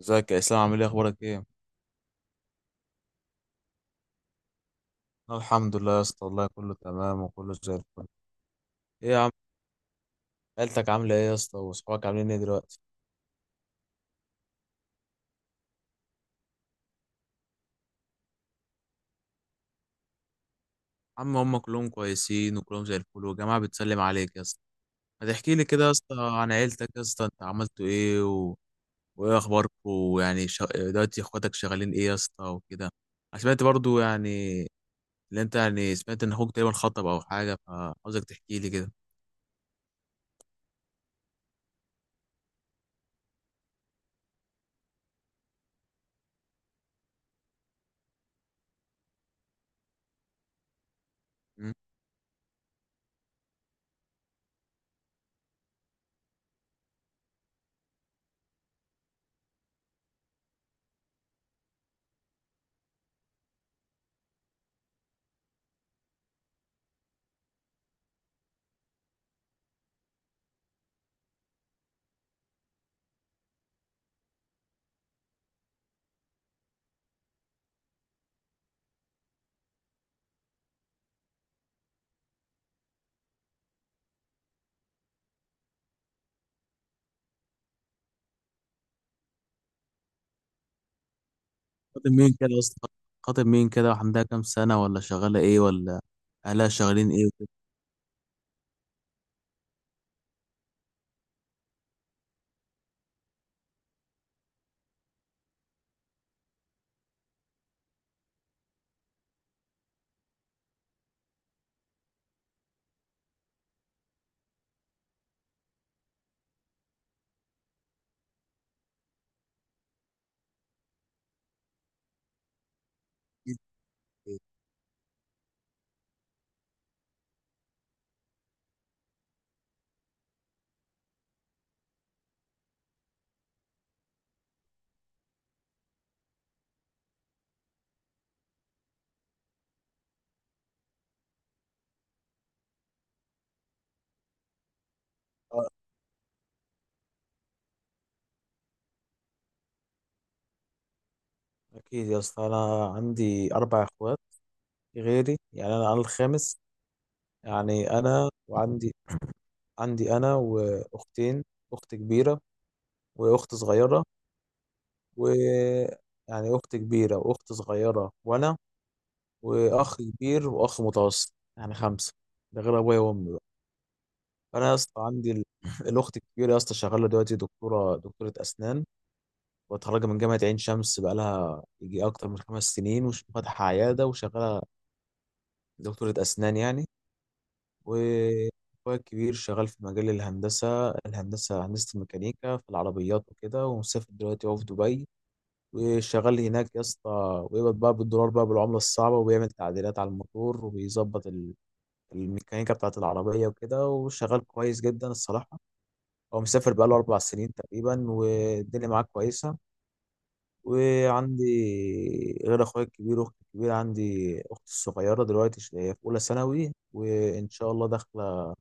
ازيك يا اسلام، عامل ايه، اخبارك ايه؟ أنا الحمد لله يا اسطى، والله كله تمام وكله زي الفل. ايه يا عم؟ عيلتك عامله ايه يا اسطى؟ واصحابك عاملين ايه دلوقتي؟ عم، هم كلهم كويسين وكلهم زي الفل، والجماعه بتسلم عليك يا اسطى. ما تحكي لي كده يا اسطى عن عيلتك، يا اسطى انت عملتوا ايه وايه اخباركم؟ ويعني دلوقتي اخواتك شغالين ايه يا اسطى وكده؟ انا سمعت برضو يعني، اللي انت يعني سمعت ان اخوك تقريبا خطب او حاجه، فعاوزك تحكي لي كده. خاطب مين كده يا اسطى؟ خاطب مين كده، وعندها كام سنة؟ ولا شغالة ايه؟ ولا اهلها شغالين ايه وكده؟ أكيد. آه، أكيد يا اسطى، أنا عندي أربع إخوات غيري، يعني أنا الخامس. يعني أنا وعندي، عندي أنا وأختين، أخت كبيرة وأخت صغيرة. و يعني أخت كبيرة وأخت صغيرة وأنا، وأخ كبير وأخ متوسط، يعني خمسة، ده غير أبويا وأمي بقى. أنا يا اسطى عندي الأخت الكبيرة يا اسطى شغالة دلوقتي، دكتورة أسنان، متخرجة من جامعة عين شمس، بقالها يجي أكتر من خمس سنين وفاتحة عيادة وشغالة دكتورة أسنان يعني. وأخويا الكبير شغال في مجال الهندسة، هندسة الميكانيكا في العربيات وكده، ومسافر دلوقتي هو في دبي، وشغال هناك يا اسطى، ويقبض بقى بالدولار، بقى بالعملة الصعبة، وبيعمل تعديلات على الموتور، وبيظبط الميكانيكا بتاعة العربية وكده، وشغال كويس جدا الصراحة. هو مسافر بقاله أربع سنين تقريبا، والدنيا معاه كويسة. وعندي غير اخويا الكبير واختي الكبيره، عندي اختي الصغيره دلوقتي، هي في اولى ثانوي وان شاء الله داخله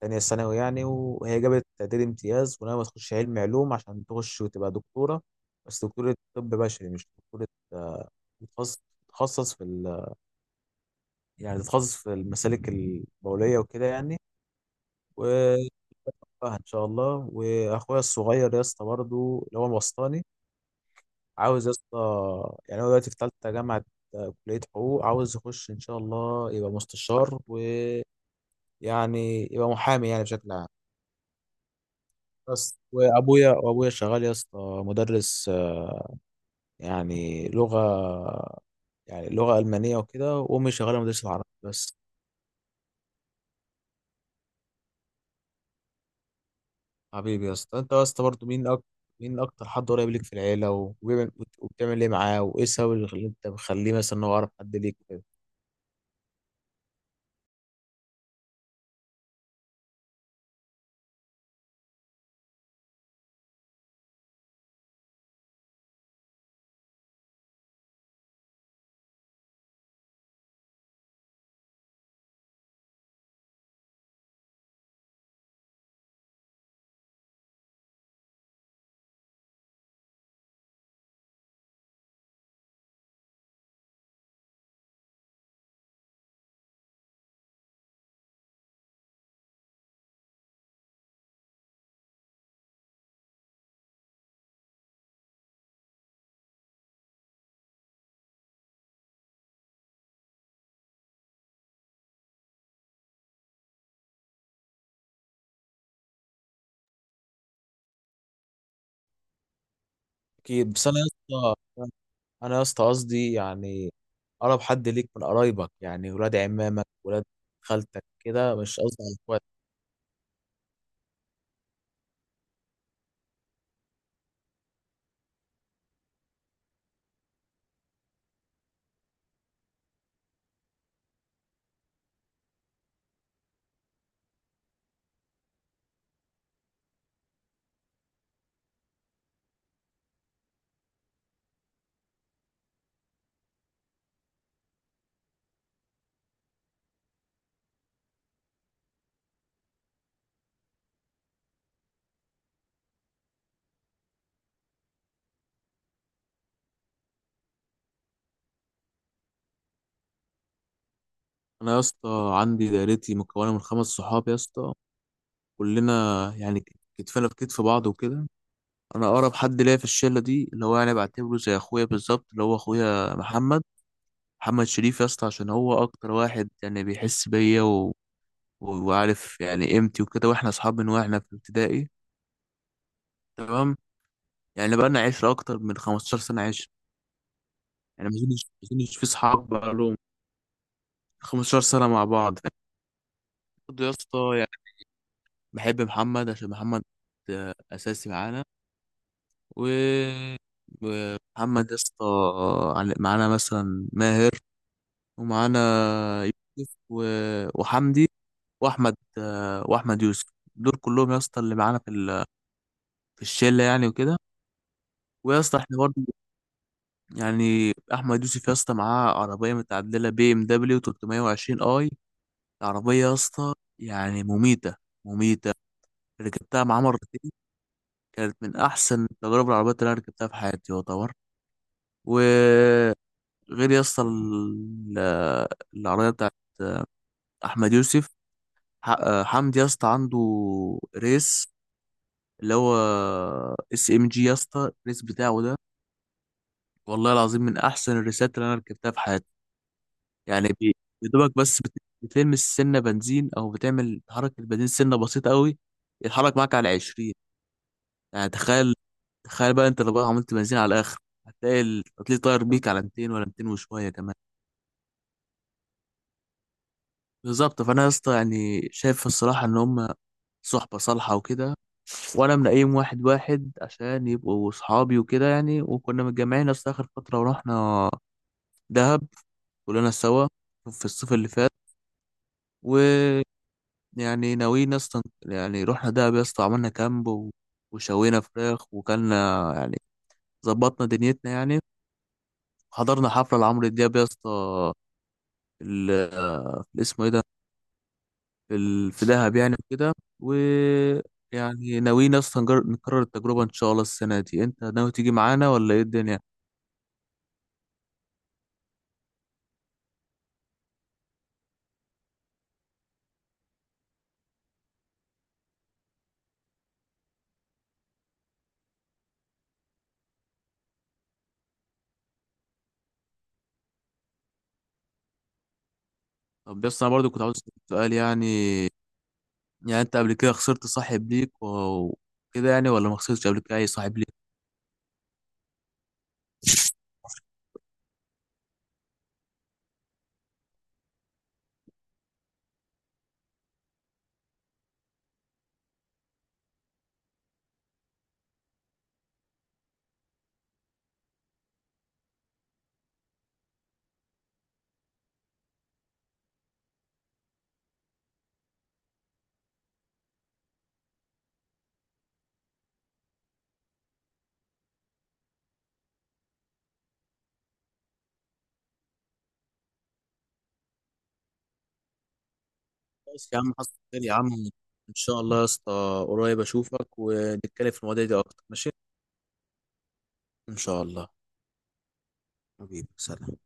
تانية ثانوي يعني، وهي جابت تقدير امتياز، وناويه تخش علوم عشان تخش وتبقى دكتوره. بس دكتوره طب بشري، مش دكتوره آه، بتخصص، تتخصص في يعني تتخصص في المسالك البوليه وكده يعني. و ان شاء الله. واخويا الصغير يا اسطى برضه اللي هو الوسطاني، عاوز يا اسطى، يعني هو دلوقتي في تالتة جامعة كلية حقوق، عاوز يخش إن شاء الله يبقى مستشار، ويعني يبقى محامي يعني بشكل عام. بس وأبويا شغال يا اسطى، مدرس، يعني لغة، يعني لغة ألمانية وكده، وأمي شغالة مدرسة عربي بس. حبيبي يا اسطى، أنت يا اسطى برضه مين أكتر حد قريب ليك في العيلة، وبتعمل إيه معاه؟ وإيه السبب اللي أنت مخليه مثلا إن هو أقرب حد ليك وكده؟ أكيد. بس أنا يا اسطى انا يا اسطى قصدي يعني، اقرب حد ليك من قرايبك، يعني ولاد عمامك، ولاد خالتك كده، مش قصدي على اخواتك. انا يا اسطى عندي دايرتي مكونه من خمس صحاب يا اسطى، كلنا يعني، كتفنا في كتف بعض وكده. انا اقرب حد ليا في الشله دي، اللي هو يعني بعتبره زي اخويا بالظبط، اللي هو اخويا محمد شريف يا اسطى، عشان هو اكتر واحد يعني بيحس بيا وعارف يعني قيمتي وكده، واحنا اصحاب من واحنا في ابتدائي. تمام، يعني بقى لنا عشرة اكتر من 15 سنه عشره، يعني ما اظنش في صحاب بقى لهم 15 سنه مع بعض. برضه يا اسطى يعني، بحب محمد عشان محمد اساسي معانا. و ومحمد يا اسطى معانا مثلا ماهر، ومعانا يوسف وحمدي، واحمد واحمد يوسف، دول كلهم يا اسطى اللي معانا في في الشله يعني وكده. ويا اسطى احنا برضه يعني، احمد يوسف يا اسطى معاه عربيه متعدله، بي ام دبليو 320 اي. العربيه يا اسطى يعني مميته، مميته. ركبتها مع عمر دي، كانت من احسن تجارب العربيات اللي انا ركبتها في حياتي يعتبر. وغير يا اسطى، العربيه بتاعت احمد يوسف، حمدي يا اسطى عنده ريس، اللي هو اس ام جي يا اسطى، الريس بتاعه ده والله العظيم من احسن الريسات اللي انا ركبتها في حياتي. يعني يدوبك بس بتلمس سنه بنزين، او بتعمل تحرك البنزين سنه بسيطه قوي، يتحرك معاك على 20. يعني تخيل بقى انت، لو بقى عملت بنزين على الاخر، هتلاقي التطليق طاير بيك على 200، ولا 200 وشويه كمان. بالظبط. فانا يا اسطى يعني شايف الصراحه ان هم صحبه صالحه وكده، وانا منقيم واحد واحد عشان يبقوا صحابي وكده يعني. وكنا متجمعين اصلا اخر فتره، ورحنا دهب كلنا سوا في الصيف اللي فات. ويعني ناويين اصلا، يعني رحنا دهب يا اسطى، عملنا كامب وشوينا فراخ، وكلنا يعني ظبطنا دنيتنا يعني. حضرنا حفلة لعمرو دياب يا اسطى، ال- ال- اسمه ايه ده، في دهب يعني وكده. و يعني ناويين يا اسطى نكرر التجربة ان شاء الله السنة دي. انت ناوي تيجي معانا ولا ايه الدنيا؟ طب يا اسطى، انا برضو كنت عاوز اسألك سؤال يعني انت قبل كده خسرت صاحب ليك وكده يعني؟ ولا ما خسرتش قبل كده اي صاحب ليك؟ خلاص يا عم، حصل خير يا عم. ان شاء الله يا اسطى قريب اشوفك ونتكلم في المواضيع دي اكتر، ماشي؟ ان شاء الله. حبيبي، سلام.